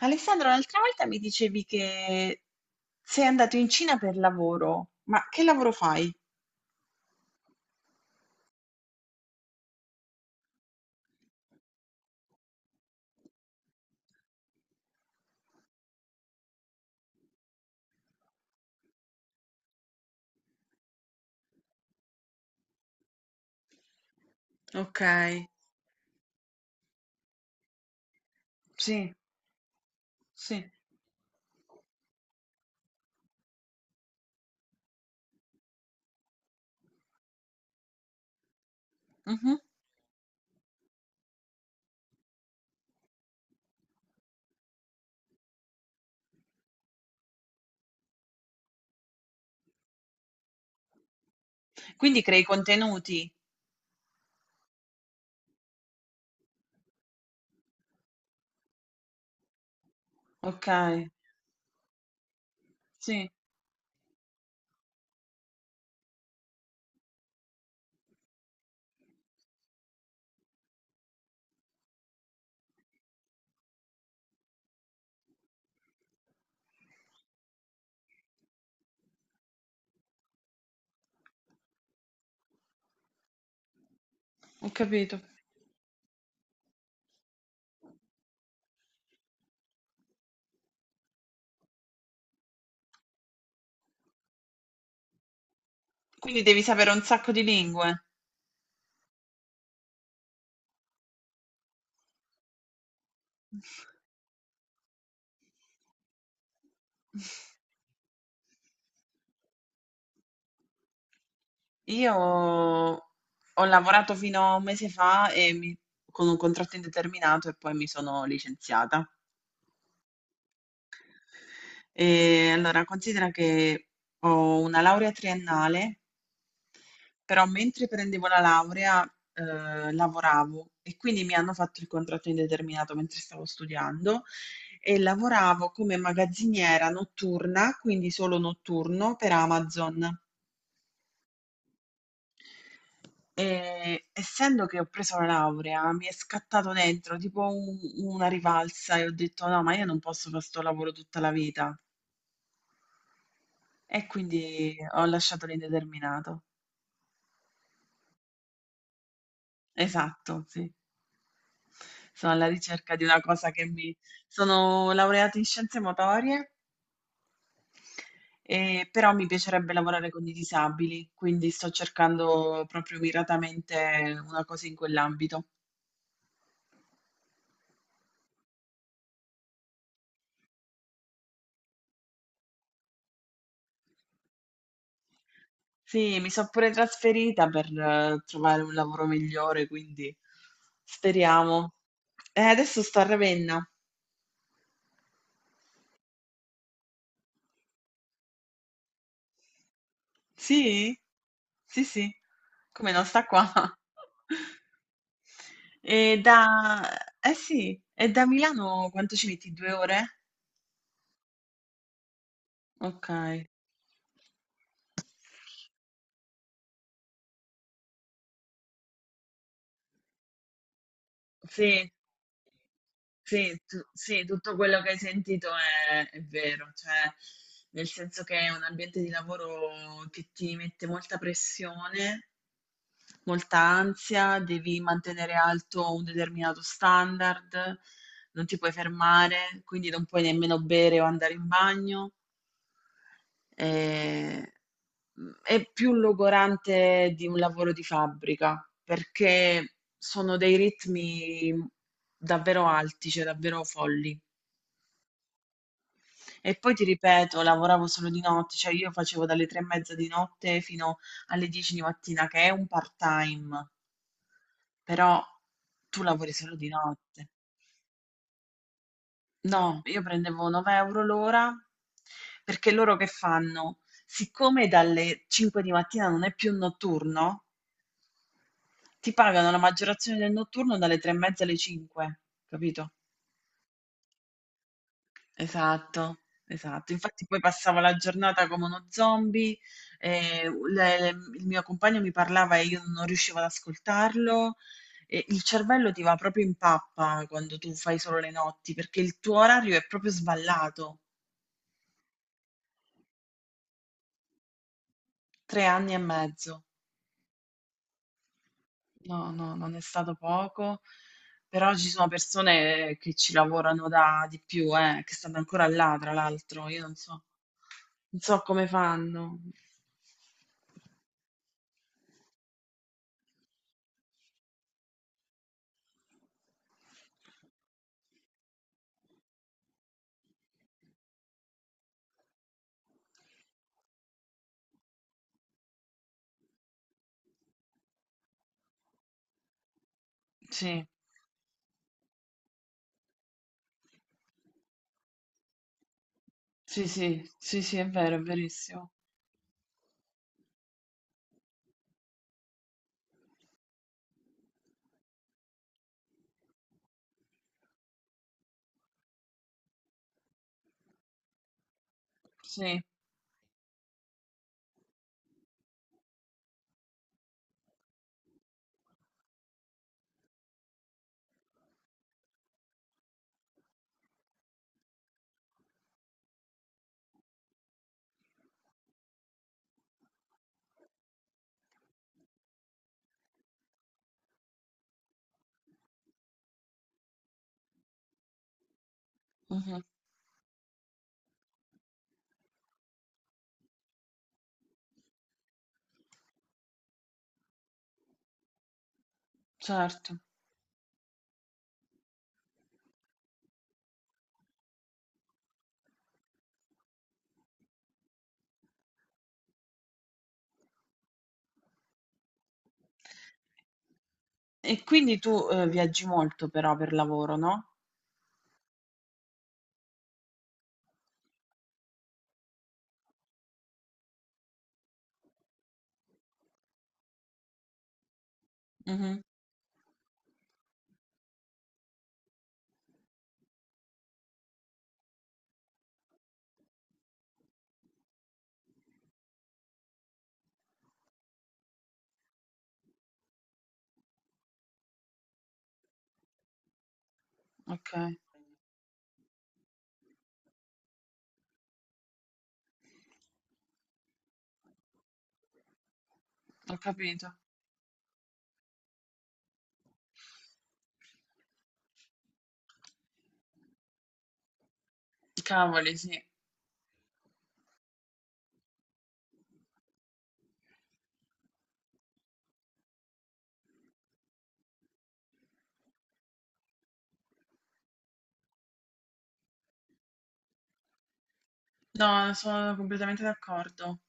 Alessandro, l'altra volta mi dicevi che sei andato in Cina per lavoro, ma che lavoro fai? Ok, sì, sì. Mhm. Quindi crei contenuti. Ok, sì, ho capito. Quindi devi sapere un sacco di lingue. Io ho lavorato fino a un mese fa e con un contratto indeterminato e poi mi sono licenziata. E allora, considera che ho una laurea triennale. Però mentre prendevo la laurea, lavoravo e quindi mi hanno fatto il contratto indeterminato mentre stavo studiando e lavoravo come magazziniera notturna, quindi solo notturno per Amazon. E essendo che ho preso la laurea, mi è scattato dentro tipo una rivalsa e ho detto no, ma io non posso fare sto lavoro tutta la vita. E quindi ho lasciato l'indeterminato. Esatto, sì, sono alla ricerca di una cosa che mi... Sono laureata in scienze motorie, però mi piacerebbe lavorare con i disabili, quindi sto cercando proprio miratamente una cosa in quell'ambito. Sì, mi sono pure trasferita per trovare un lavoro migliore, quindi speriamo. Adesso sto a Ravenna. Sì? Sì, sì, come non sta qua. E da... Eh sì, e da Milano quanto ci metti? Due ore? Okay. Sì. Sì, tutto quello che hai sentito è vero, cioè nel senso che è un ambiente di lavoro che ti mette molta pressione, molta ansia, devi mantenere alto un determinato standard, non ti puoi fermare, quindi non puoi nemmeno bere o andare in bagno. Ehm, è più logorante di un lavoro di fabbrica, perché sono dei ritmi davvero alti, cioè davvero folli. E poi ti ripeto, lavoravo solo di notte, cioè io facevo dalle 3 e mezza di notte fino alle 10 di mattina, che è un part-time. Però tu lavori solo di notte. No, io prendevo 9 € l'ora. Perché loro che fanno? Siccome dalle 5 di mattina non è più notturno, ti pagano la maggiorazione del notturno dalle 3 e mezza alle 5, capito? Esatto, esatto. Infatti poi passavo la giornata come uno zombie, eh, le- le- il mio compagno mi parlava e io non riuscivo ad ascoltarlo. E il cervello ti va proprio in pappa quando tu fai solo le notti, perché il tuo orario è proprio sballato. Tre anni e mezzo. No, no, non è stato poco, però ci sono persone che ci lavorano da di più, che stanno ancora là, tra l'altro, io non so, non so come fanno. Sì, sì, sì, sì, sì, è vero, è verissimo. Sì, mhm, certo. E quindi tu viaggi molto però per lavoro, no? Mhm, ok, ho capito. Cavoli, sì. No, sono completamente d'accordo.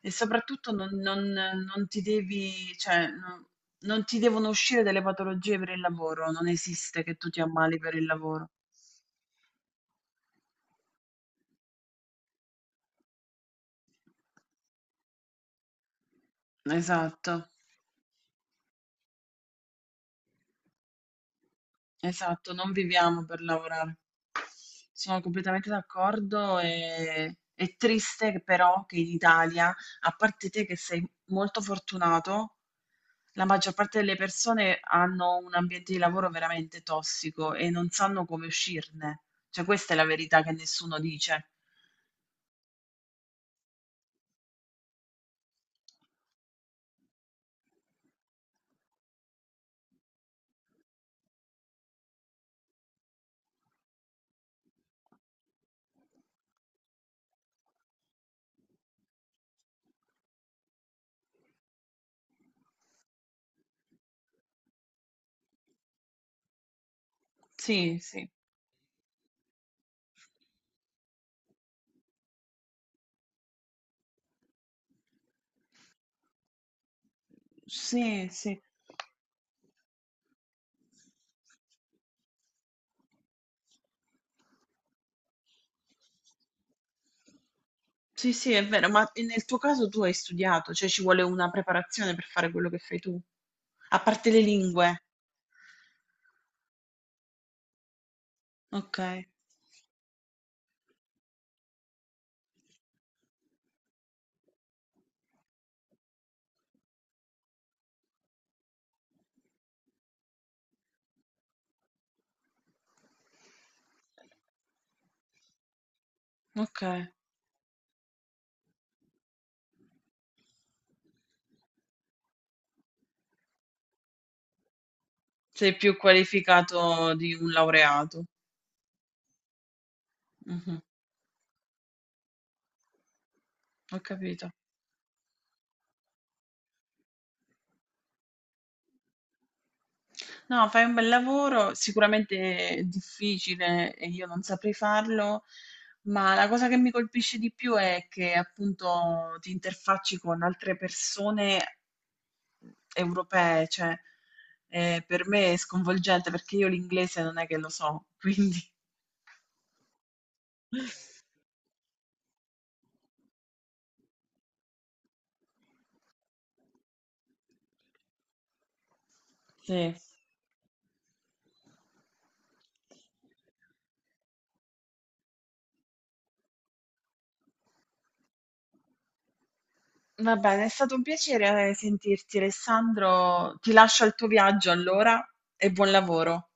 E soprattutto non ti devi, cioè, non, non ti devono uscire delle patologie per il lavoro, non esiste che tu ti ammali per il lavoro. Esatto. Esatto, non viviamo per lavorare. Sono completamente d'accordo e è triste che però che in Italia, a parte te che sei molto fortunato, la maggior parte delle persone hanno un ambiente di lavoro veramente tossico e non sanno come uscirne. Cioè, questa è la verità che nessuno dice. Sì, sì, sì, sì. Sì, sì, è vero, ma nel tuo caso tu hai studiato, cioè ci vuole una preparazione per fare quello che fai tu, a parte le lingue. Okay, okay. Sei più qualificato di un laureato. Mh-mh, ho capito. No, fai un bel lavoro, sicuramente è difficile e io non saprei farlo, ma la cosa che mi colpisce di più è che appunto ti interfacci con altre persone europee, cioè, per me è sconvolgente perché io l'inglese non è che lo so, quindi sì. Va bene, è stato un piacere sentirti, Alessandro. Ti lascio al tuo viaggio allora e buon lavoro.